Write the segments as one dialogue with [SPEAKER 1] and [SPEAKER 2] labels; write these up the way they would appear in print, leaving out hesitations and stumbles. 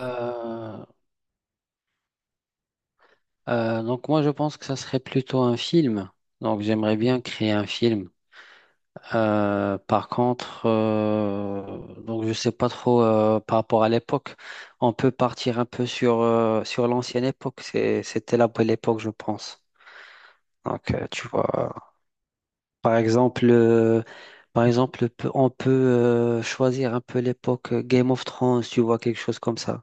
[SPEAKER 1] Euh, donc moi je pense que ça serait plutôt un film. Donc j'aimerais bien créer un film. Par contre, donc je sais pas trop par rapport à l'époque. On peut partir un peu sur sur l'ancienne époque. C'était la belle époque, je pense. Tu vois, par exemple, on peut choisir un peu l'époque Game of Thrones. Tu vois quelque chose comme ça.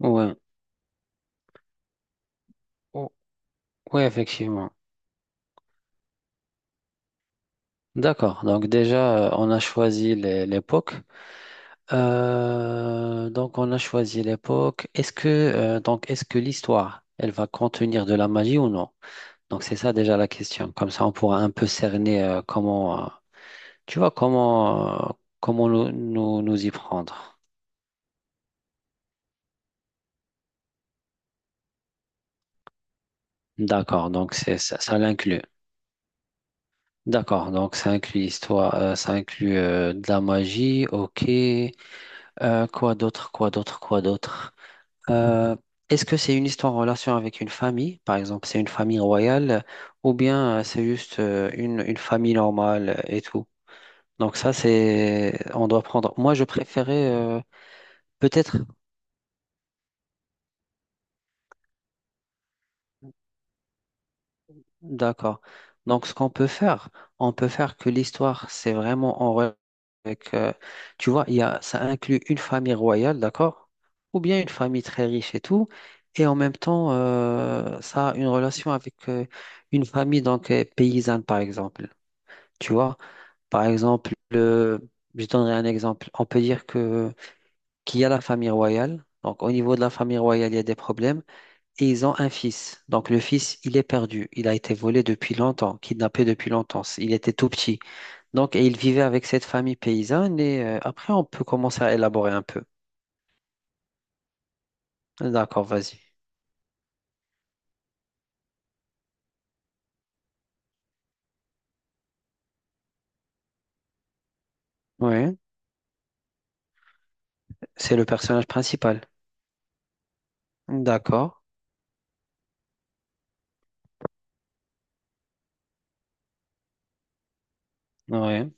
[SPEAKER 1] Ouais. O- ouais, effectivement. D'accord. Donc déjà, on a choisi l'époque. Donc on a choisi l'époque. Est-ce que donc est-ce que l'histoire, elle va contenir de la magie ou non? Donc c'est ça déjà la question. Comme ça, on pourra un peu cerner comment, tu vois, comment euh, comment nous, nous nous y prendre. D'accord. Donc c'est ça, ça l'inclut. D'accord. Donc ça inclut l'histoire, ça inclut de la magie. Ok. Quoi d'autre? Quoi d'autre? Quoi d'autre? Euh, Est-ce que c'est une histoire en relation avec une famille, par exemple, c'est une famille royale, ou bien c'est juste une famille normale et tout? Donc ça, c'est, on doit prendre. Moi, je préférais peut-être. D'accord. Donc, ce qu'on peut faire, on peut faire que l'histoire, c'est vraiment en relation avec. Tu vois, il y a, ça inclut une famille royale, d'accord? Ou bien une famille très riche et tout. Et en même temps, ça a une relation avec une famille donc paysanne, par exemple. Tu vois, par exemple, je donnerai un exemple. On peut dire que qu'il y a la famille royale. Donc, au niveau de la famille royale, il y a des problèmes. Et ils ont un fils. Donc le fils, il est perdu. Il a été volé depuis longtemps, kidnappé depuis longtemps. Il était tout petit. Donc, et il vivait avec cette famille paysanne. Et après, on peut commencer à élaborer un peu. D'accord, vas-y. Oui, c'est le personnage principal. D'accord. Oui,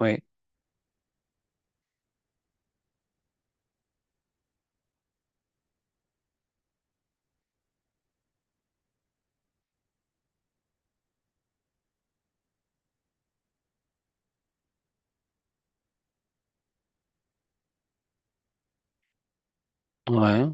[SPEAKER 1] oui, oui.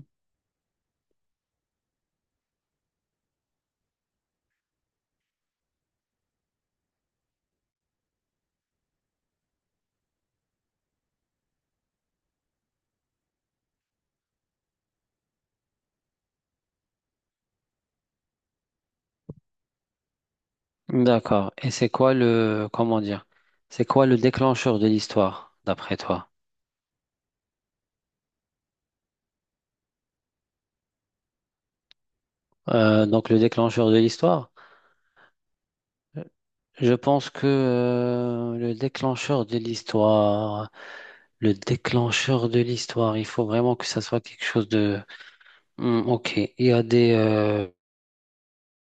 [SPEAKER 1] D'accord. Et c'est quoi le, comment dire, c'est quoi le déclencheur de l'histoire, d'après toi? Donc le déclencheur de l'histoire? Je pense que le déclencheur de l'histoire, le déclencheur de l'histoire, il faut vraiment que ça soit quelque chose de... Hmm, ok, il y a des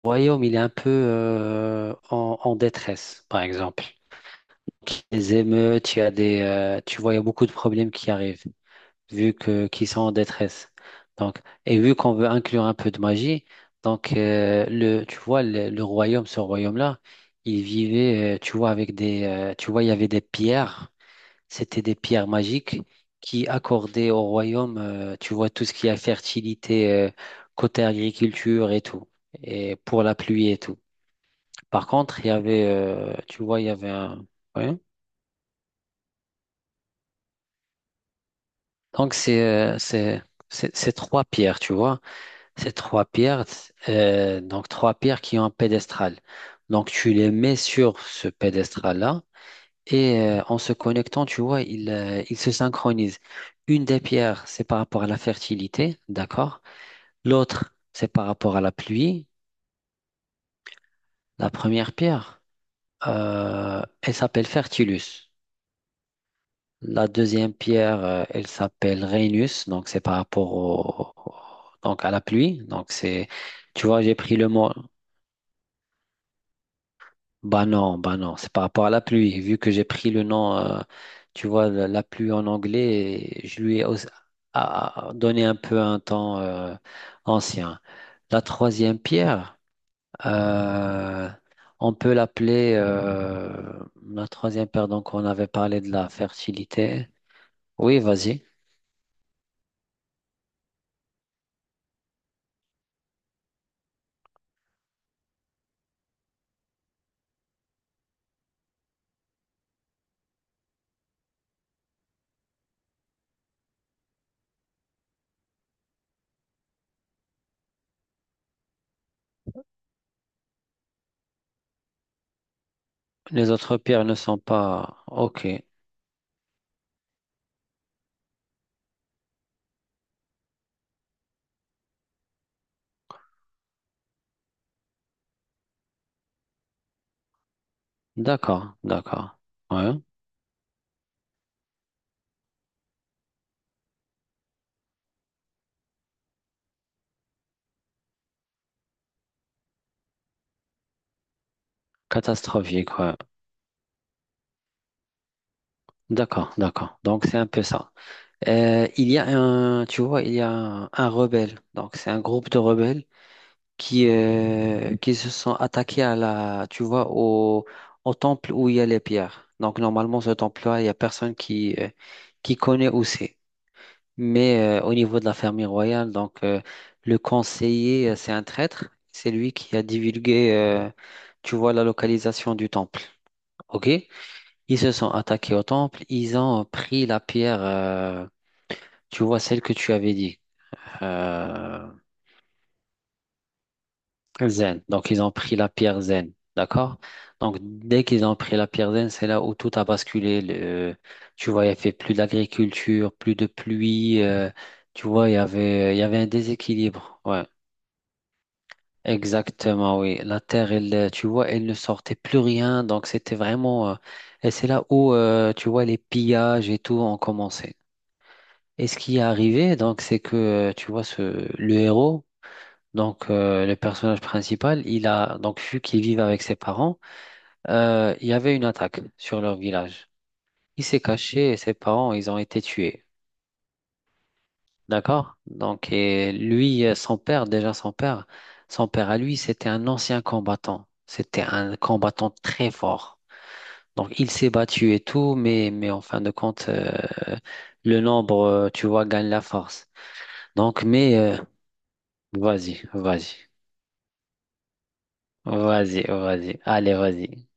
[SPEAKER 1] royaumes, il est un peu en, en détresse, par exemple. Les émeutes, il y a des, tu vois, il y a beaucoup de problèmes qui arrivent vu que qu'ils sont en détresse. Donc, et vu qu'on veut inclure un peu de magie, donc le, tu vois, le royaume, ce royaume-là, il vivait, tu vois, avec des, tu vois, il y avait des pierres, c'était des pierres magiques qui accordaient au royaume, tu vois, tout ce qui a fertilité, côté agriculture et tout, et pour la pluie et tout. Par contre, il y avait, tu vois, il y avait un, ouais. Donc c'est, euh, c'est, c'est trois pierres, tu vois. C'est trois pierres, donc trois pierres qui ont un pédestral. Donc tu les mets sur ce pédestral-là et en se connectant, tu vois, ils, ils se synchronisent. Une des pierres, c'est par rapport à la fertilité, d'accord? L'autre, c'est par rapport à la pluie. La première pierre, elle s'appelle Fertilus. La deuxième pierre, elle s'appelle Rhenus, donc c'est par rapport au, donc à la pluie. Donc c'est, tu vois, j'ai pris le mot. Bah non, c'est par rapport à la pluie. Vu que j'ai pris le nom, tu vois, la pluie en anglais, et je lui ai a donné un peu un temps ancien. La troisième pierre, euh, on peut l'appeler la troisième pierre, donc on avait parlé de la fertilité. Oui, vas-y. Les autres pierres ne sont pas... Ok, d'accord, d'accord. Ouais. Catastrophique, ouais. D'accord, d'accord. Donc c'est un peu ça. Il y a un, tu vois, il y a un rebelle. Donc, c'est un groupe de rebelles qui se sont attaqués à la, tu vois, au, au temple où il y a les pierres. Donc, normalement, ce temple-là, il y a personne qui connaît où c'est. Mais au niveau de la famille royale, donc, le conseiller, c'est un traître. C'est lui qui a divulgué, tu vois, la localisation du temple. OK? Ils se sont attaqués au temple. Ils ont pris la pierre. Tu vois celle que tu avais dit, euh, zen. Donc ils ont pris la pierre zen, d'accord? Donc dès qu'ils ont pris la pierre zen, c'est là où tout a basculé. Tu vois, il n'y avait plus d'agriculture, plus de pluie. Tu vois, il y avait un déséquilibre. Ouais, exactement, oui. La terre, elle, tu vois, elle ne sortait plus rien. Donc c'était vraiment. Et c'est là où, tu vois, les pillages et tout ont commencé. Et ce qui est arrivé, donc, c'est que, tu vois, ce, le héros. Donc, le personnage principal, il a donc vu qu'il vivait avec ses parents, il y avait une attaque sur leur village. Il s'est caché et ses parents, ils ont été tués. D'accord? Donc, et lui, son père, déjà son père à lui, c'était un ancien combattant. C'était un combattant très fort. Donc, il s'est battu et tout, mais en fin de compte, le nombre, tu vois, gagne la force. Donc, mais, vas-y, vas-y, vas-y, vas-y, allez, vas-y.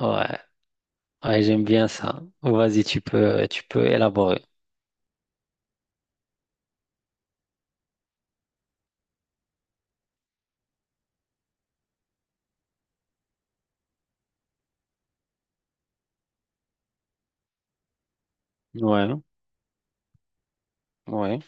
[SPEAKER 1] Ouais. Ah j'aime bien ça. Vas-y, tu peux élaborer. Ouais, ouais,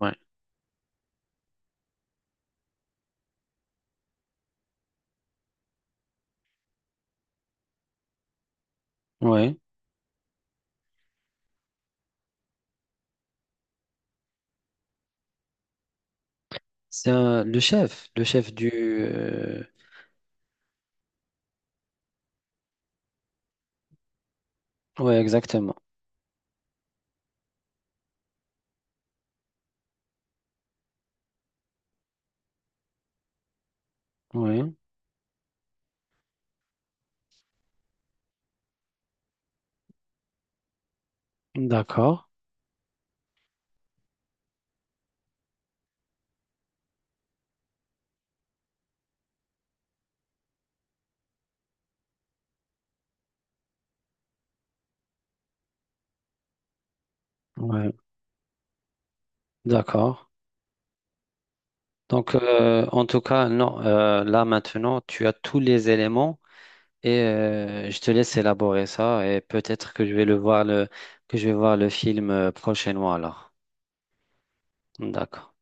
[SPEAKER 1] ouais, ouais. Le chef, le chef du. Ouais, exactement. Ouais, d'accord. Ouais, d'accord. Donc, en tout cas, non. Là maintenant, tu as tous les éléments et je te laisse élaborer ça et peut-être que je vais le voir le, que je vais voir le film prochainement alors. D'accord.